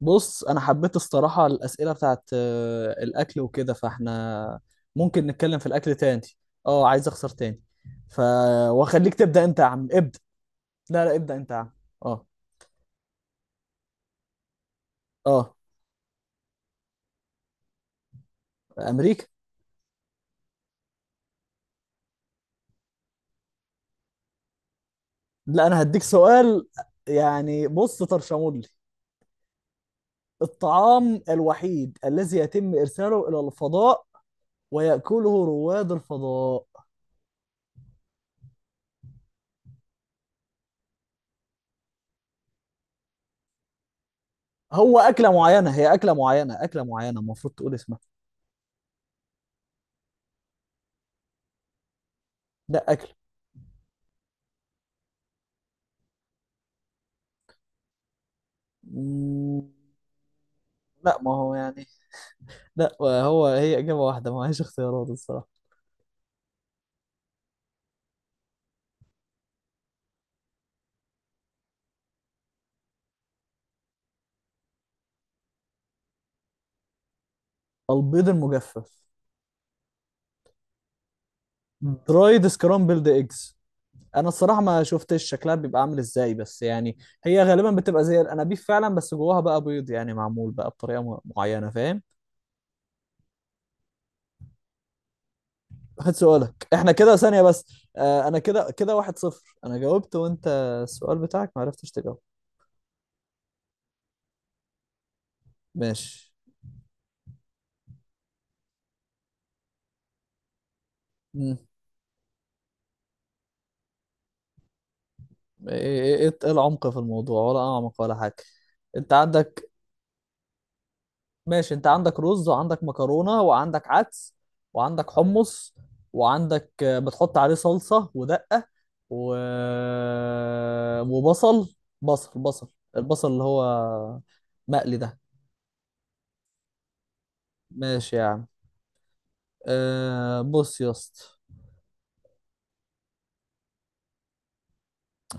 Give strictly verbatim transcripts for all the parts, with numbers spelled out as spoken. بص، انا حبيت الصراحه الاسئله بتاعت آه، الاكل وكده، فاحنا ممكن نتكلم في الاكل تاني. اه، عايز اخسر تاني. ف، واخليك تبدا. انت يا عم، ابدا. لا، لا، ابدا انت يا عم. اه، اه، امريكا. لا، انا هديك سؤال. يعني بص، طرشمولي. الطعام الوحيد الذي يتم ارساله الى الفضاء ويأكله رواد الفضاء. هو اكله معينه، هي اكله معينه، اكله معينه، المفروض تقول اسمها. لا، اكل. مم، لا، ما هو يعني، لا هو هي إجابة واحدة، ما هيش اختيارات الصراحة. البيض المجفف. درايد سكرامبلد ايجز. انا الصراحة ما شفتش شكلها بيبقى عامل ازاي بس يعني. هي غالبا بتبقى زي الانابيب فعلا، بس جواها بقى بيض يعني، معمول بقى بطريقة م- معينة، فاهم؟ خد سؤالك، احنا كده ثانية بس. آه، انا كده كده واحد صفر. انا جاوبت وانت، السؤال بتاعك ما عرفتش تجاوب. ماشي. مم. ايه ايه إيه العمق في الموضوع ولا اعمق ولا حاجة؟ انت عندك ماشي، انت عندك رز وعندك مكرونة وعندك عدس وعندك حمص وعندك آه، بتحط عليه صلصة ودقة. و... وبصل، بصل بصل. البصل اللي هو مقلي ده. ماشي يا عم. أه بص يا اسطى،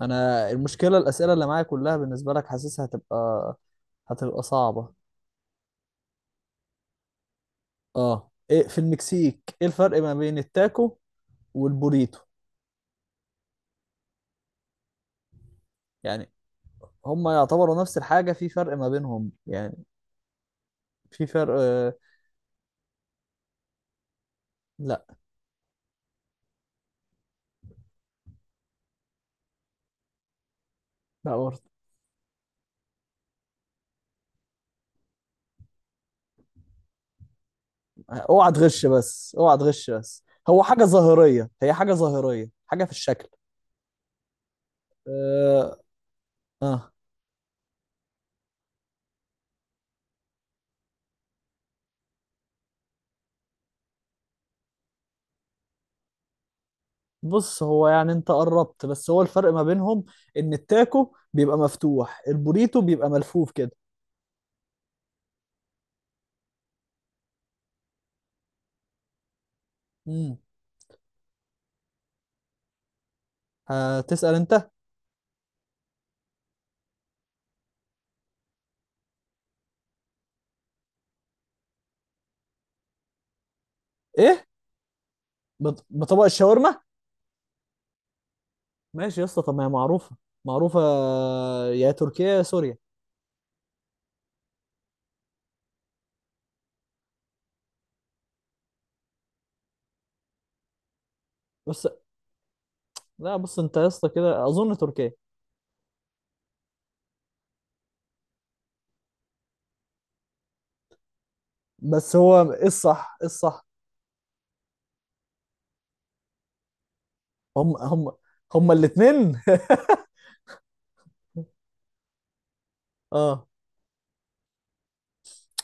انا المشكلة الأسئلة اللي معايا كلها بالنسبة لك حاسسها هتبقى هتبقى صعبة. اه، ايه في المكسيك، ايه الفرق ما بين التاكو والبوريتو؟ يعني، هما يعتبروا نفس الحاجة، في فرق ما بينهم يعني. في فرق. آه، لا. لا، برضه. اوعى تغش بس، اوعى تغش بس. هو حاجة ظاهرية، هي حاجة ظاهرية، حاجة في الشكل. اه، آه. بص، هو يعني انت قربت، بس هو الفرق ما بينهم ان التاكو بيبقى مفتوح، البوريتو بيبقى ملفوف كده. امم هتسأل انت؟ ايه؟ بط- بطبق الشاورما؟ ماشي يا اسطى، طب ما هي معروفة، معروفة، آه، يا تركيا يا سوريا. بس، لا بص، انت يا اسطى كده اظن تركيا. بس هو ايه الصح، ايه الصح؟ هم، هم. هم الاثنين. اه.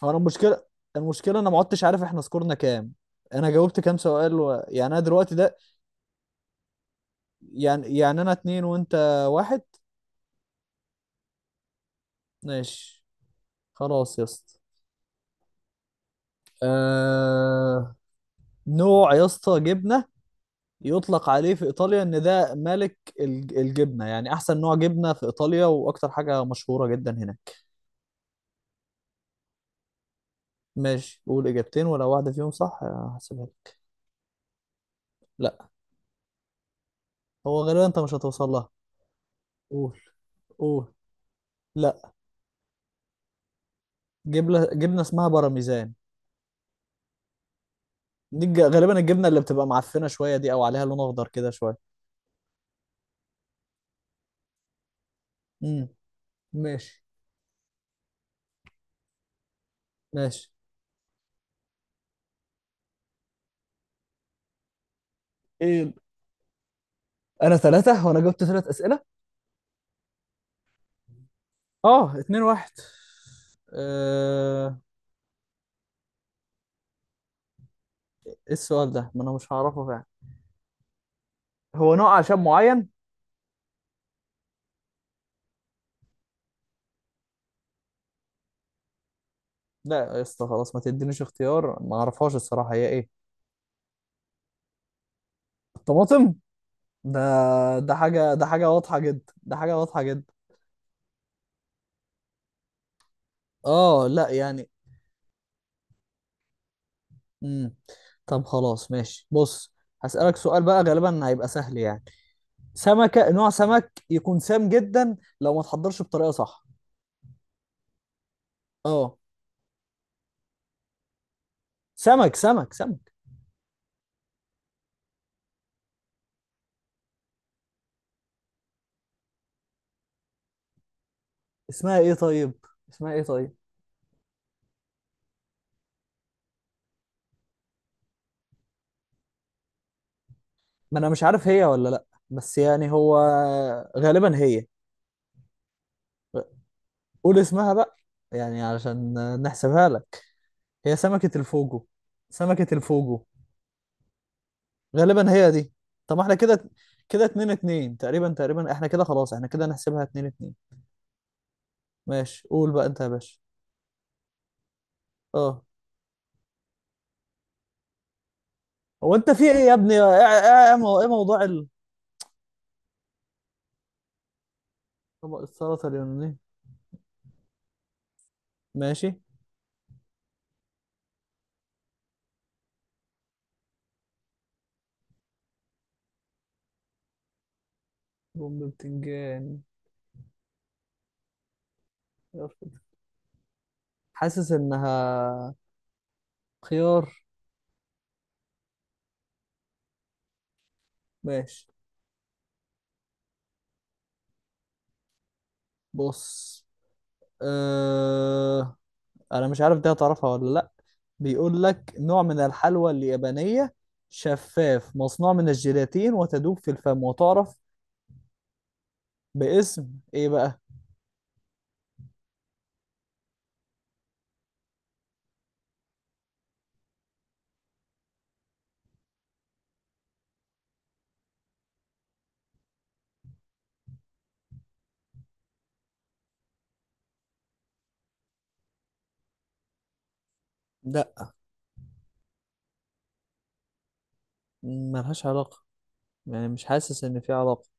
هو انا المشكله، المشكله انا ما عدتش عارف احنا سكورنا كام. انا جاوبت كام سؤال و... يعني انا دلوقتي ده. يعني يعني انا اتنين وانت واحد. ماشي. خلاص يا اسطى. آه... نوع يا اسطى جبنه، يطلق عليه في ايطاليا ان ده ملك الج- الجبنه، يعني احسن نوع جبنه في ايطاليا، واكتر حاجه مشهوره جدا هناك. ماشي، قول اجابتين ولو واحده فيهم صح هحسبها لك. لا، هو غالبا انت مش هتوصل لها. قول، قول. لا. جبنه، جبنه اسمها بارميزان. دي الج- غالبا الجبنه اللي بتبقى معفنه شويه دي، او عليها لون اخضر كده شويه. امم. ماشي، ماشي. ايه؟ انا ثلاثة، وانا جبت ثلاث اسئلة. اه، اتنين واحد. آه، ايه السؤال ده، ما انا مش هعرفه فعلا. هو نوع عشان معين؟ لا يا اسطى خلاص، ما تدينيش اختيار، ما اعرفهاش الصراحه، هي ايه؟ الطماطم؟ ده ده حاجه، ده حاجه واضحه جدا، ده حاجه واضحه جدا. اه، لا يعني. امم طب خلاص ماشي، بص، هسألك سؤال بقى، غالبا هيبقى سهل يعني. سمكة، نوع سمك يكون سام جدا لو ما تحضرش بطريقة صح. اه. سمك، سمك، سمك. اسمها ايه طيب؟ اسمها ايه طيب؟ ما انا مش عارف هي ولا لا، بس يعني هو غالبا هي. قول اسمها بقى، يعني علشان نحسبها لك. هي سمكة الفوجو. سمكة الفوجو. غالبا هي دي. طب احنا كده، كده اتنين اتنين تقريبا، تقريبا احنا كده خلاص، احنا كده نحسبها اتنين اتنين. ماشي، قول بقى انت يا باشا. اه هو انت في ايه يا ابني، ايه ايه ايه مو- ايه موضوع ال- طبق السلطه اليوناني؟ ماشي. بوم بتنجان. حاسس انها، خيار. ماشي. بص، اه... انا مش عارف دي هتعرفها ولا لا. بيقول لك، نوع من الحلوى اليابانيه، شفاف، مصنوع من الجيلاتين وتدوب في الفم، وتعرف باسم ايه بقى؟ لا، ملهاش علاقه، يعني مش حاسس ان في علاقه.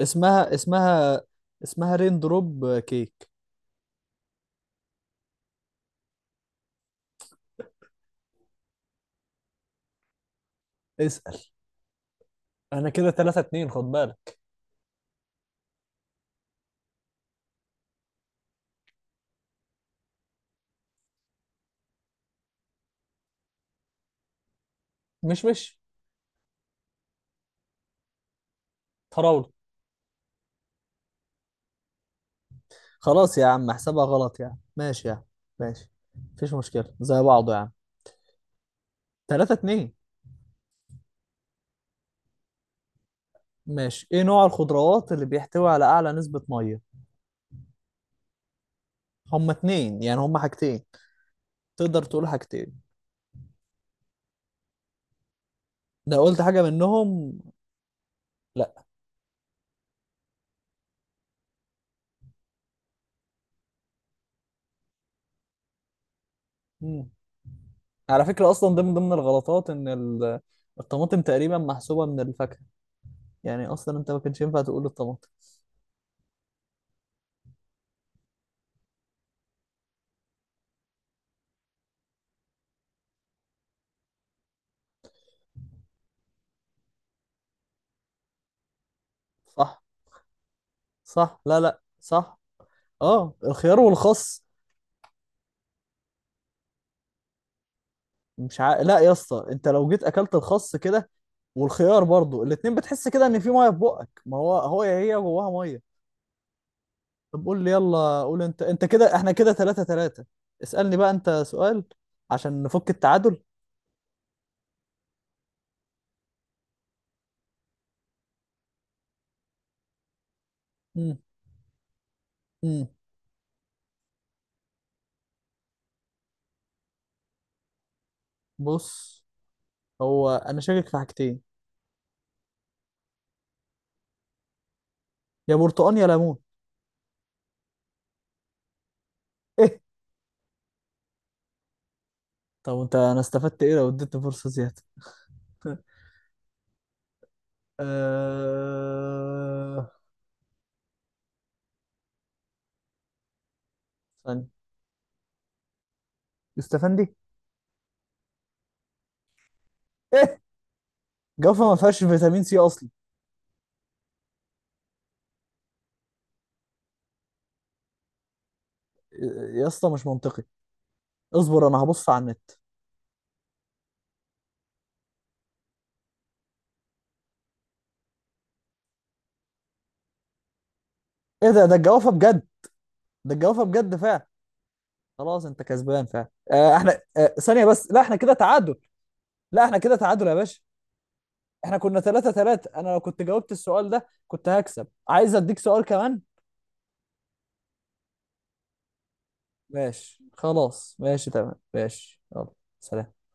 اسمها اسمها اسمها رين دروب كيك. اسأل. انا كده ثلاثة اتنين، خد بالك. مش مش طراولة. خلاص يا عم احسبها غلط يا عم، ماشي يا عم. ماشي. مفيش مشكلة، زي بعضه يا عم. تلاتة اتنين. ماشي، ايه نوع الخضروات اللي بيحتوي على اعلى نسبة مية؟ هما اتنين، يعني هما حاجتين، تقدر تقول حاجتين. لو قلت حاجة منهم. لا. مم. على فكرة اصلا ده من ضمن الغلطات ان ال- الطماطم تقريبا محسوبة من الفاكهة. يعني اصلا انت ما كانش ينفع تقول الطماطم. صح، صح، لا، لا، صح. اه، الخيار والخس. مش ع... لا يا اسطى، انت لو جيت اكلت الخس كده والخيار برضو، الاتنين بتحس كده ان في ميه في بقك، ما هو هو هي جواها ميه. طب قول لي، يلا قول انت انت كده احنا كده تلاتة تلاتة. اسألني بقى انت سؤال، عشان نفك التعادل. امم امم بص، هو انا شاكك في حاجتين. يا برتقال يا ليمون. ايه؟ طب انت، انا استفدت ايه لو اديتني فرصة زيادة؟ آه... استنى، استفندي. جافا ما فيهاش فيتامين سي اصلا. يا اسطى مش منطقي، اصبر انا هبص على النت. ايه؟ ده ده الجوافه بجد. ده الجوافه بجد فعلا. خلاص انت كسبان فعلا. آه احنا، آه ثانيه بس. لا احنا كده تعادل. لا احنا كده تعادل يا باشا. احنا كنا ثلاثة ثلاثة، انا لو كنت جاوبت السؤال ده كنت هكسب، عايز اديك سؤال كمان. ماشي خلاص، ماشي تمام، ماشي يلا، سلام.